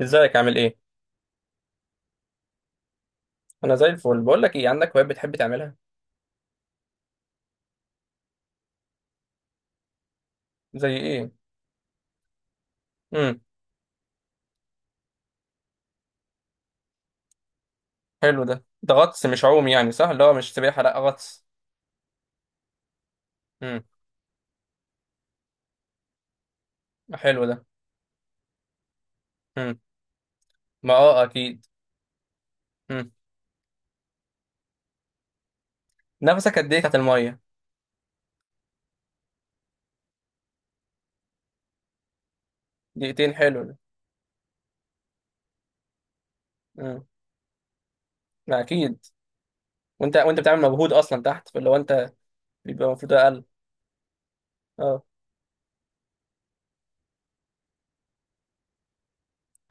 ازيك عامل ايه؟ انا زي الفل. بقول لك ايه، عندك هوايات بتحب تعملها؟ زي ايه؟ امم حلو ده غطس مش عوم يعني، صح؟ اللي هو مش سباحه، لا غطس. امم حلو ده. امم ما اه اكيد. امم نفسك قد ايه تحت الميه؟ دقيقتين، حلو ده. امم ما اكيد. وانت بتعمل مجهود اصلا تحت، فاللي هو انت بيبقى المفروض اقل. اه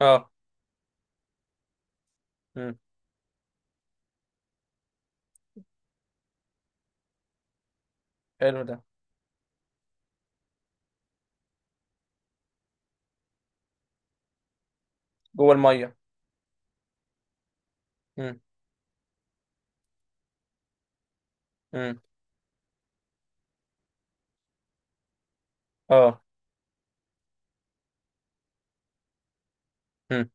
اه امم حلو ده. جوه الميه. امم امم اه امم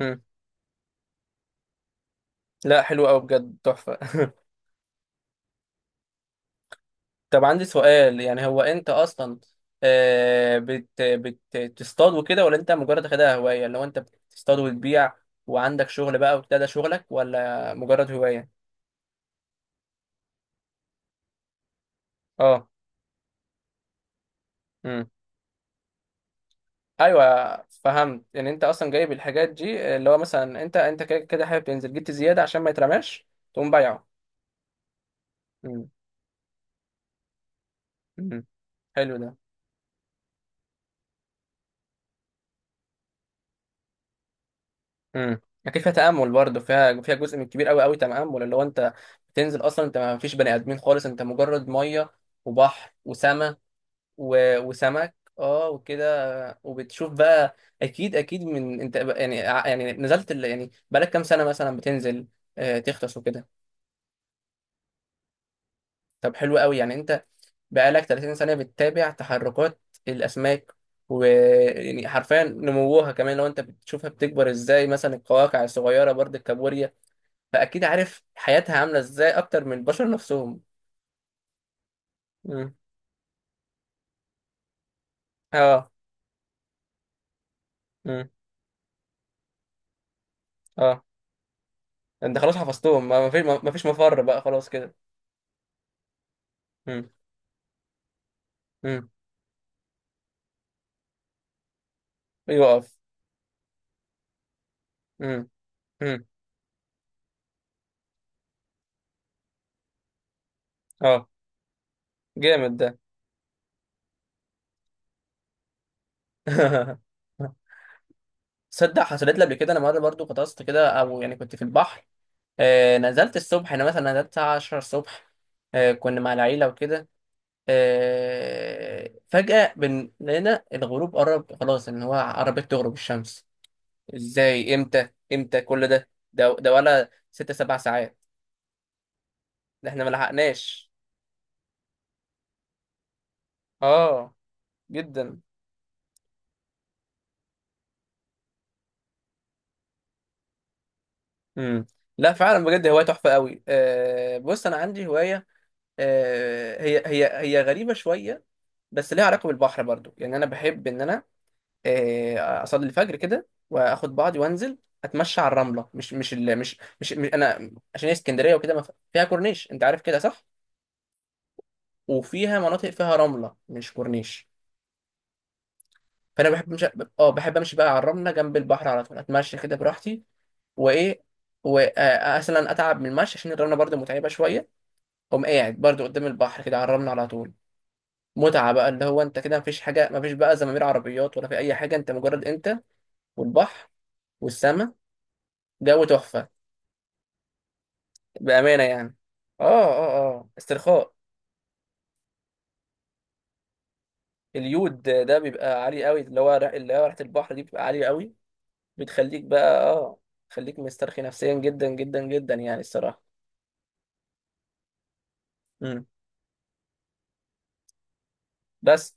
امم لا حلو قوي بجد، تحفه. طب عندي سؤال، يعني هو انت اصلا بتصطاد وكده، ولا انت مجرد واخدها هوايه؟ اللي هو انت بتصطاد وتبيع، وعندك شغل بقى وبتاع، ده شغلك ولا مجرد هوايه؟ اه امم ايوه فهمت. يعني انت اصلا جايب الحاجات دي، اللي هو مثلا انت كده كده حابب تنزل، جبت زياده عشان ما يترماش تقوم بايعه. امم امم حلو ده. امم اكيد فيها تامل برضه، فيها جزء من كبير قوي قوي تامل، اللي هو انت بتنزل اصلا، انت ما فيش بني ادمين خالص، انت مجرد ميه وبحر وسماء وسمك اه وكده، وبتشوف بقى اكيد اكيد، من انت يعني يعني نزلت يعني بقالك كام سنه مثلا بتنزل، تغطس وكده؟ طب حلو قوي. يعني انت بقالك 30 سنه بتتابع تحركات الاسماك، ويعني حرفيا نموها كمان لو انت بتشوفها بتكبر ازاي، مثلا القواقع الصغيره برضه الكابوريا. فاكيد عارف حياتها عامله ازاي اكتر من البشر نفسهم. مم. اه. مم. اه، انت خلاص حفظتهم، ما فيش مفر بقى خلاص كده. مم. مم. يقف. امم امم اه جامد ده. تصدق حصلت لي قبل كده، انا مره برضو غطست كده، او يعني كنت في البحر. آه نزلت الصبح، انا مثلا نزلت الساعه 10 الصبح، آه كنا مع العيله وكده. آه فجاه لقينا الغروب قرب خلاص، ان هو قربت تغرب الشمس. ازاي؟ امتى امتى كل ده ولا ست سبع ساعات؟ ده احنا ما لحقناش. اه جدا. امم لا فعلا بجد هوايه تحفه قوي. آه بص، انا عندي هوايه، هي غريبة شوية، بس ليها علاقة بالبحر برضو. يعني أنا بحب إن أنا أصلي الفجر كده وآخد بعضي وأنزل، أتمشى على الرملة. مش مش ال مش مش, مش أنا عشان هي اسكندرية وكده، ما فيها كورنيش، أنت عارف كده صح؟ وفيها مناطق فيها رملة مش كورنيش. فأنا بحب مش أه، بحب أمشي بقى على الرملة جنب البحر على طول، أتمشى كده براحتي وإيه. ومثلا أتعب من المشي عشان الرملة برضو متعبة شوية، أقوم قاعد برضو قدام البحر كده على الرملة على طول. متعة بقى، اللي هو انت كده مفيش حاجة، مفيش بقى زمامير عربيات ولا في أي حاجة، انت مجرد انت والبحر والسماء، جو تحفة بأمانة يعني. اه استرخاء. اليود ده بيبقى عالي قوي، اللي هو اللي هو ريحة البحر دي بتبقى عالية قوي، بتخليك بقى اه، تخليك مسترخي نفسيا جدا جدا جدا، يعني الصراحة. امم بس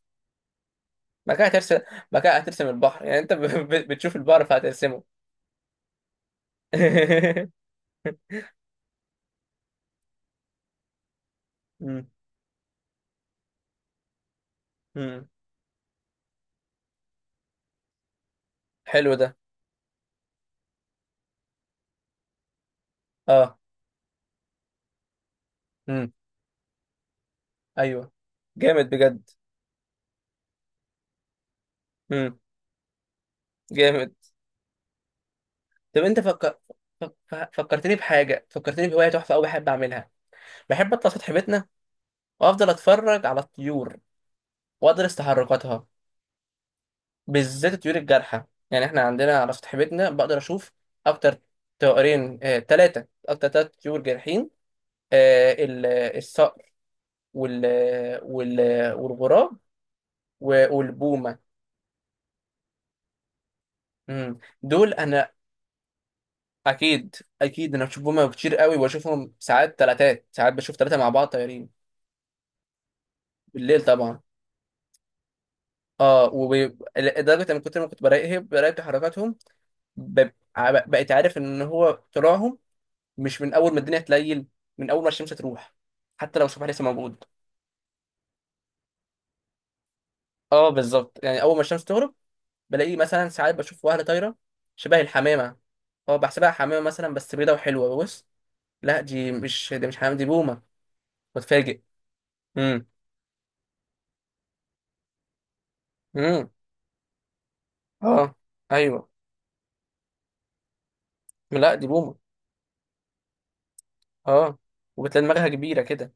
ما كان هترسم ما كان هترسم البحر يعني انت بتشوف البحر فهترسمه. امم امم حلو ده. اه امم ايوه. جامد بجد. جامد. طب انت فكرتني بحاجه، فكرتني بهوايه تحفه قوي بحب اعملها. بحب اطلع سطح بيتنا وافضل اتفرج على الطيور وادرس تحركاتها، بالذات الطيور الجارحه. يعني احنا عندنا على سطح بيتنا بقدر اشوف اكتر طائرين ثلاثه، اكتر ثلاث طيور جارحين، آه، ال- الصقر وال... وال... والغراب والبومه. دول انا اكيد اكيد. انا بشوف بومه كتير قوي، واشوفهم ساعات ثلاثات ساعات، بشوف ثلاثه مع بعض طايرين. بالليل طبعا. اه، ولدرجه ان كنت لما كنت براقب تحركاتهم، بقيت عارف ان هو طلوعهم مش من اول ما الدنيا تليل، من اول ما الشمس تروح، حتى لو الصبح لسه موجود. اه بالظبط، يعني اول ما الشمس تغرب بلاقيه، مثلا ساعات بشوف واحده طايره شبه الحمامه، اه بحسبها حمامه مثلا، بس بيضه وحلوه، بص لا دي مش حمامه، دي بومه، بتفاجئ. امم امم اه ايوه، لا دي بومه. اه، وبتلاقي دماغها كبيره كده.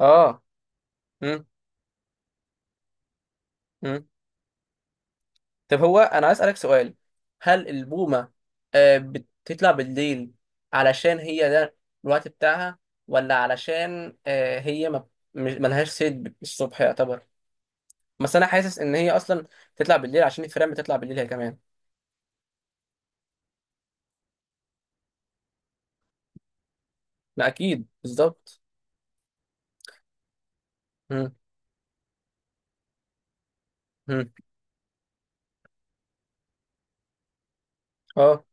اه امم طب، هو انا عايز اسالك سؤال، هل البومه بتطلع بالليل علشان هي ده الوقت بتاعها، ولا علشان هي ما ملهاش صيد الصبح يعتبر؟ بس انا حاسس ان هي اصلا تطلع بالليل عشان الفيران بتطلع بالليل هي كمان. لا اكيد بالظبط. مم. مم. اه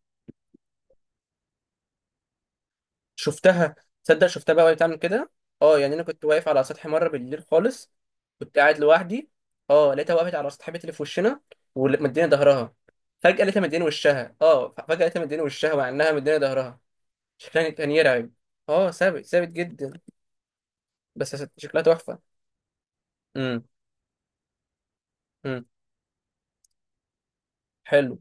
شفتها، تصدق شفتها بقى وهي بتعمل كده. اه يعني انا كنت واقف على سطح مره بالليل خالص، كنت قاعد لوحدي. اه لقيتها وقفت على سطح بيت اللي في وشنا، ومديني ظهرها، فجاه لقيتها مديني وشها، اه فجاه لقيتها مديني وشها مع انها مديني ظهرها. شكلها كان يرعب. اه ثابت جدا. بس شكلها تحفه. امم امم حلو.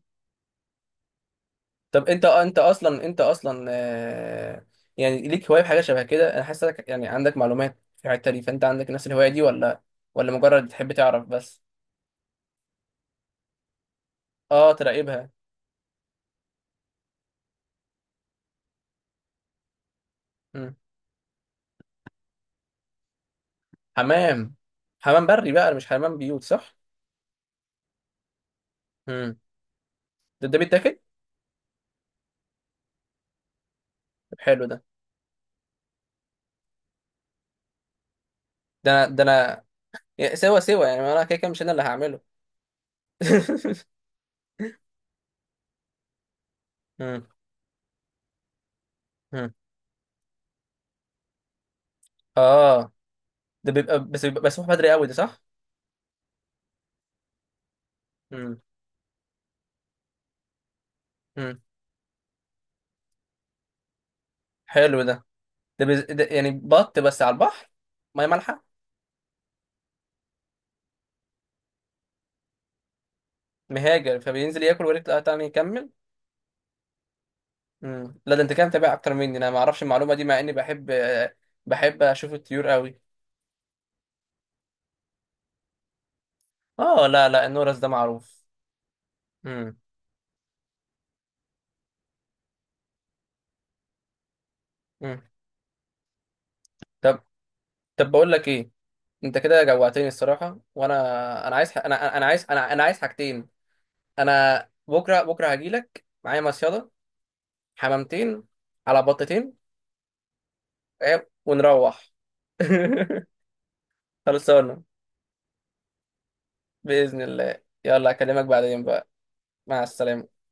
طب انت انت اصلا آه يعني ليك هوايه بحاجه شبه كده، انا حاسس إنك يعني عندك معلومات في الحته دي، فانت عندك نفس الهوايه دي ولا ولا مجرد تحب تعرف بس؟ اه تراقبها. مم. حمام. حمام بري بقى مش حمام بيوت، صح. مم. ده بيتاكل؟ طب حلو ده. ده انا يا- سوا سوا يعني، ما انا كده كده مش انا اللي هعمله. مم. مم. اه ده بيبقى، بس بيبقى مسموح بدري قوي ده، صح. مم. مم. حلو ده. ده يعني بط بس على البحر، ميه مالحه. مهاجر فبينزل ياكل ويرجع، لا تاني يكمل. لا ده انت كده متابع اكتر مني، انا ما اعرفش المعلومه دي، مع اني بحب، بحب اشوف الطيور قوي. اه لا لا، النورس ده معروف. مم. مم. طب طب بقول لك ايه، انت كده جوعتني الصراحه. وانا انا عايز انا انا عايز حاجتين. انا بكره هاجي لك معايا مصيده، حمامتين على بطتين، فاهم؟ ونروح. خلصانه باذن الله، يلا اكلمك بعدين بقى. مع السلامه.